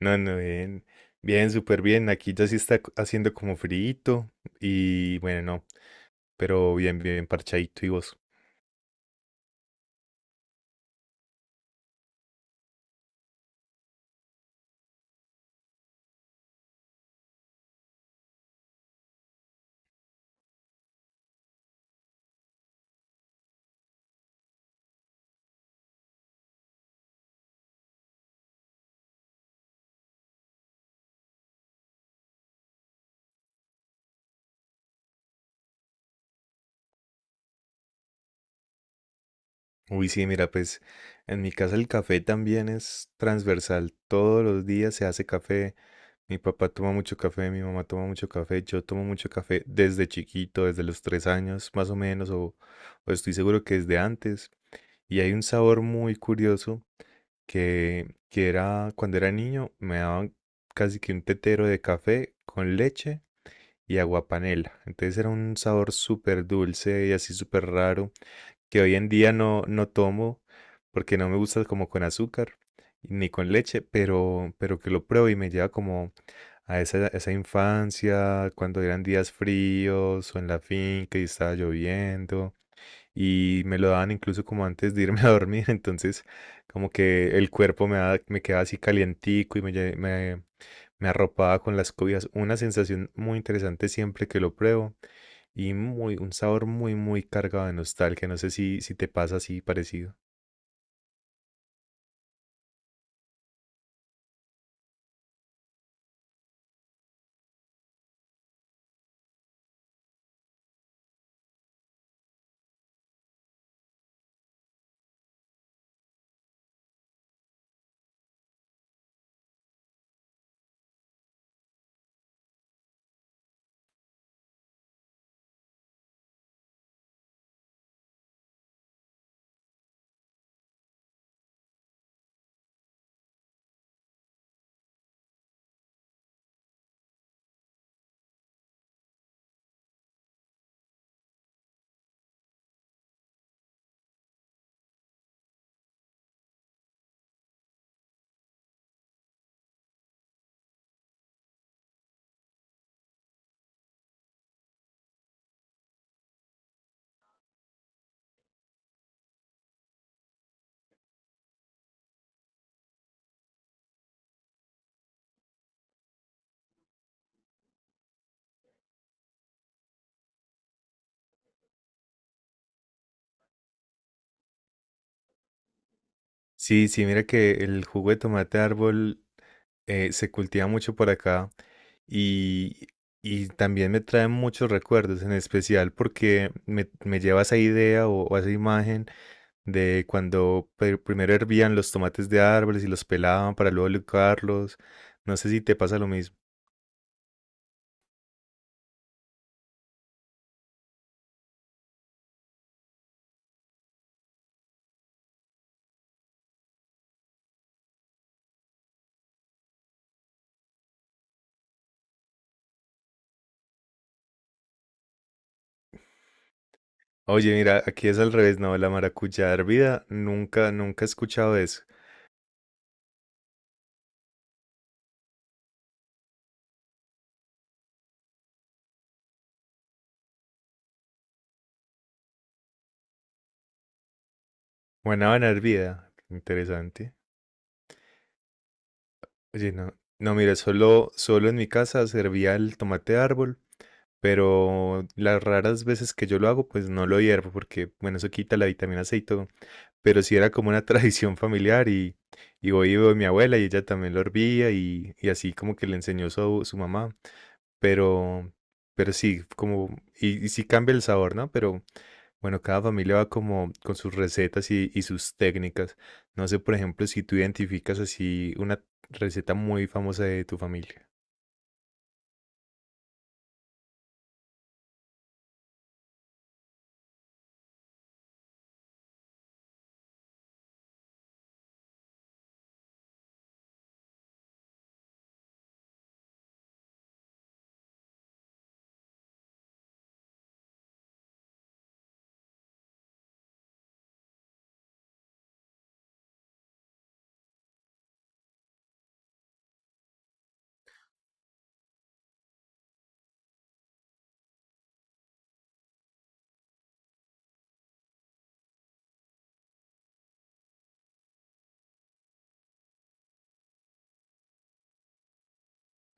No, no, bien. Bien, súper bien. Aquí ya sí está haciendo como frito y bueno, no, pero bien, bien parchadito y vos. Uy, sí, mira, pues en mi casa el café también es transversal. Todos los días se hace café. Mi papá toma mucho café, mi mamá toma mucho café, yo tomo mucho café desde chiquito, desde los tres años más o menos, o estoy seguro que desde antes. Y hay un sabor muy curioso que era cuando era niño, me daban casi que un tetero de café con leche y agua panela. Entonces era un sabor súper dulce y así súper raro que hoy en día no, no tomo porque no me gusta como con azúcar ni con leche, pero que lo pruebo y me lleva como a esa infancia, cuando eran días fríos o en la finca y estaba lloviendo y me lo daban incluso como antes de irme a dormir, entonces como que el cuerpo me quedaba así calientico y me arropaba con las cobijas. Una sensación muy interesante siempre que lo pruebo y un sabor muy, muy cargado de nostalgia. No sé si te pasa así parecido. Sí, sí, mira que el jugo de tomate de árbol se cultiva mucho por acá y, y también me trae muchos recuerdos, en especial porque me lleva a esa idea o a esa imagen de cuando primero hervían los tomates de árboles y los pelaban para luego licuarlos. No sé si te pasa lo mismo. Oye, mira, aquí es al revés, no, la maracuyá hervida, nunca, nunca he escuchado eso. Guanábana hervida, interesante. Oye, no, no, mira, solo, solo en mi casa se hervía el tomate árbol pero las raras veces que yo lo hago, pues no lo hiervo porque, bueno, eso quita la vitamina C y todo. Pero sí era como una tradición familiar y voy y veo a mi abuela y ella también lo hervía y así como que le enseñó su mamá. Pero, pero sí, como, y sí cambia el sabor, ¿no? Pero bueno, cada familia va como con sus recetas y sus técnicas. No sé, por ejemplo, si tú identificas así una receta muy famosa de tu familia.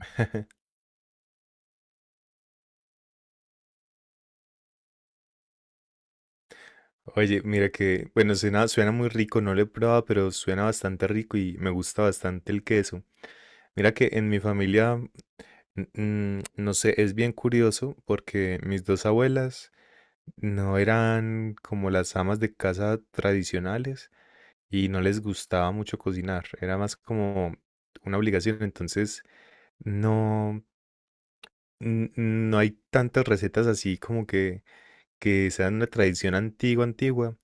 Oye, mira que, bueno, suena muy rico, no lo he probado, pero suena bastante rico y me gusta bastante el queso. Mira que en mi familia, no sé, es bien curioso porque mis dos abuelas no eran como las amas de casa tradicionales y no les gustaba mucho cocinar, era más como una obligación, entonces no, no hay tantas recetas así como que sea una tradición antigua, antigua,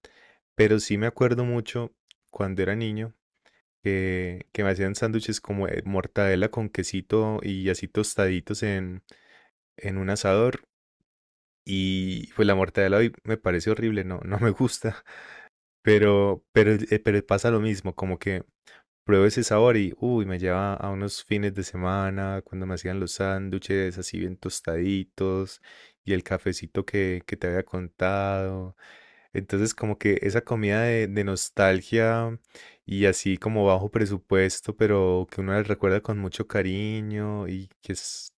pero sí me acuerdo mucho cuando era niño que me hacían sándwiches como de mortadela con quesito y así tostaditos en un asador. Y pues la mortadela hoy me parece horrible, no, no me gusta. Pero pasa lo mismo, como que pruebo ese sabor y, uy, me lleva a unos fines de semana, cuando me hacían los sándwiches así bien tostaditos y el cafecito que te había contado. Entonces, como que esa comida de nostalgia y así como bajo presupuesto, pero que uno la recuerda con mucho cariño y que es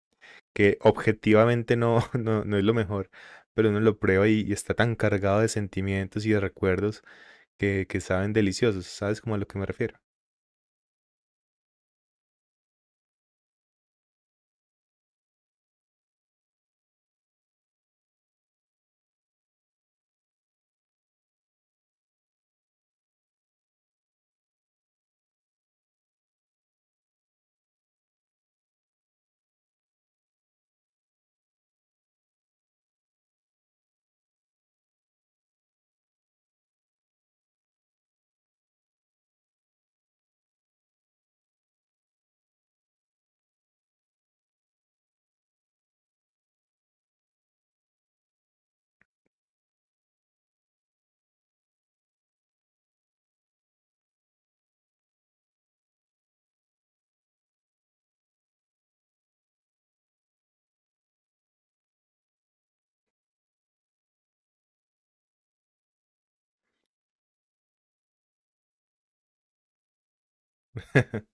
que objetivamente no, no, no es lo mejor, pero uno lo prueba y está tan cargado de sentimientos y de recuerdos que saben deliciosos. ¿Sabes cómo a lo que me refiero?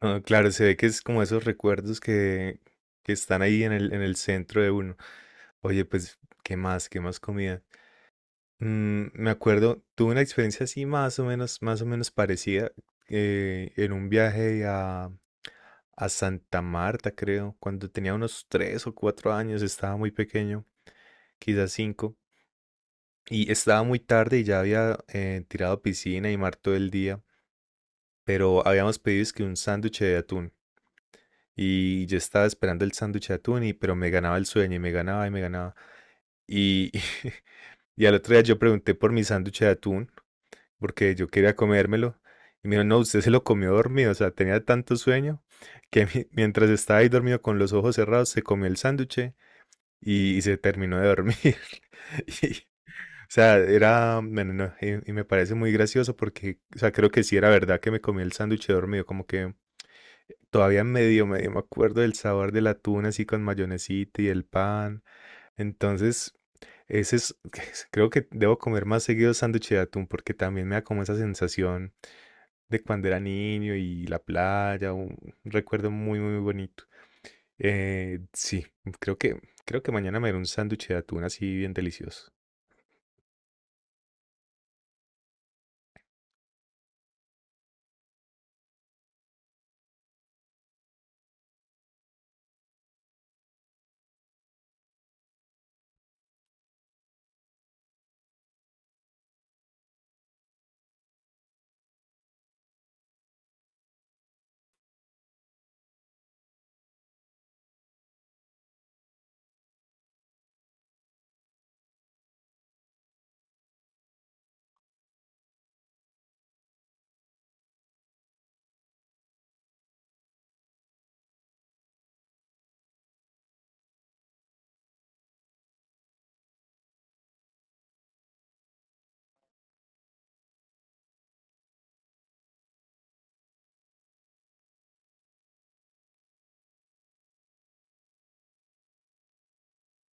Ah, claro, se ve que es como esos recuerdos que están ahí en el centro de uno. Oye, pues, ¿qué más? ¿Qué más comida? Me acuerdo, tuve una experiencia así más o menos parecida, en un viaje a, Santa Marta, creo, cuando tenía unos tres o cuatro años, estaba muy pequeño, quizás cinco, y estaba muy tarde y ya había tirado piscina y mar todo el día, pero habíamos pedido es que un sándwich de atún. Y yo estaba esperando el sándwich de atún, pero me ganaba el sueño y me ganaba y me ganaba. Y, y al otro día yo pregunté por mi sándwich de atún, porque yo quería comérmelo. Y me dijo, no, usted se lo comió dormido, o sea, tenía tanto sueño que mientras estaba ahí dormido con los ojos cerrados, se comió el sándwich y se terminó de dormir. Y, o sea, era, bueno, no, y me parece muy gracioso porque, o sea, creo que sí era verdad que me comí el sándwich dormido, como que todavía medio, medio me acuerdo del sabor del atún así con mayonesita y el pan. Entonces, ese es, creo que debo comer más seguido sándwich de atún porque también me da como esa sensación de cuando era niño y la playa, un recuerdo muy, muy bonito. Sí, creo que, creo que mañana me haré un sándwich de atún así bien delicioso.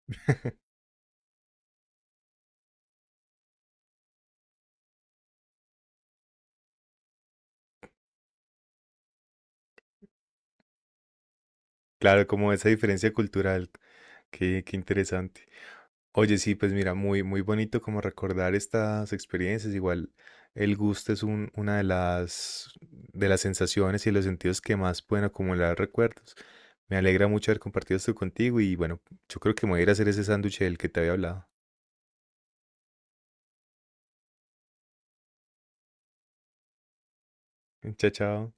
Claro, como esa diferencia cultural, qué interesante. Oye, sí, pues mira, muy, muy bonito como recordar estas experiencias. Igual el gusto es una de las sensaciones y de los sentidos que más pueden acumular recuerdos. Me alegra mucho haber compartido esto contigo y bueno, yo creo que me voy a ir a hacer ese sándwich del que te había hablado. Chao, chao.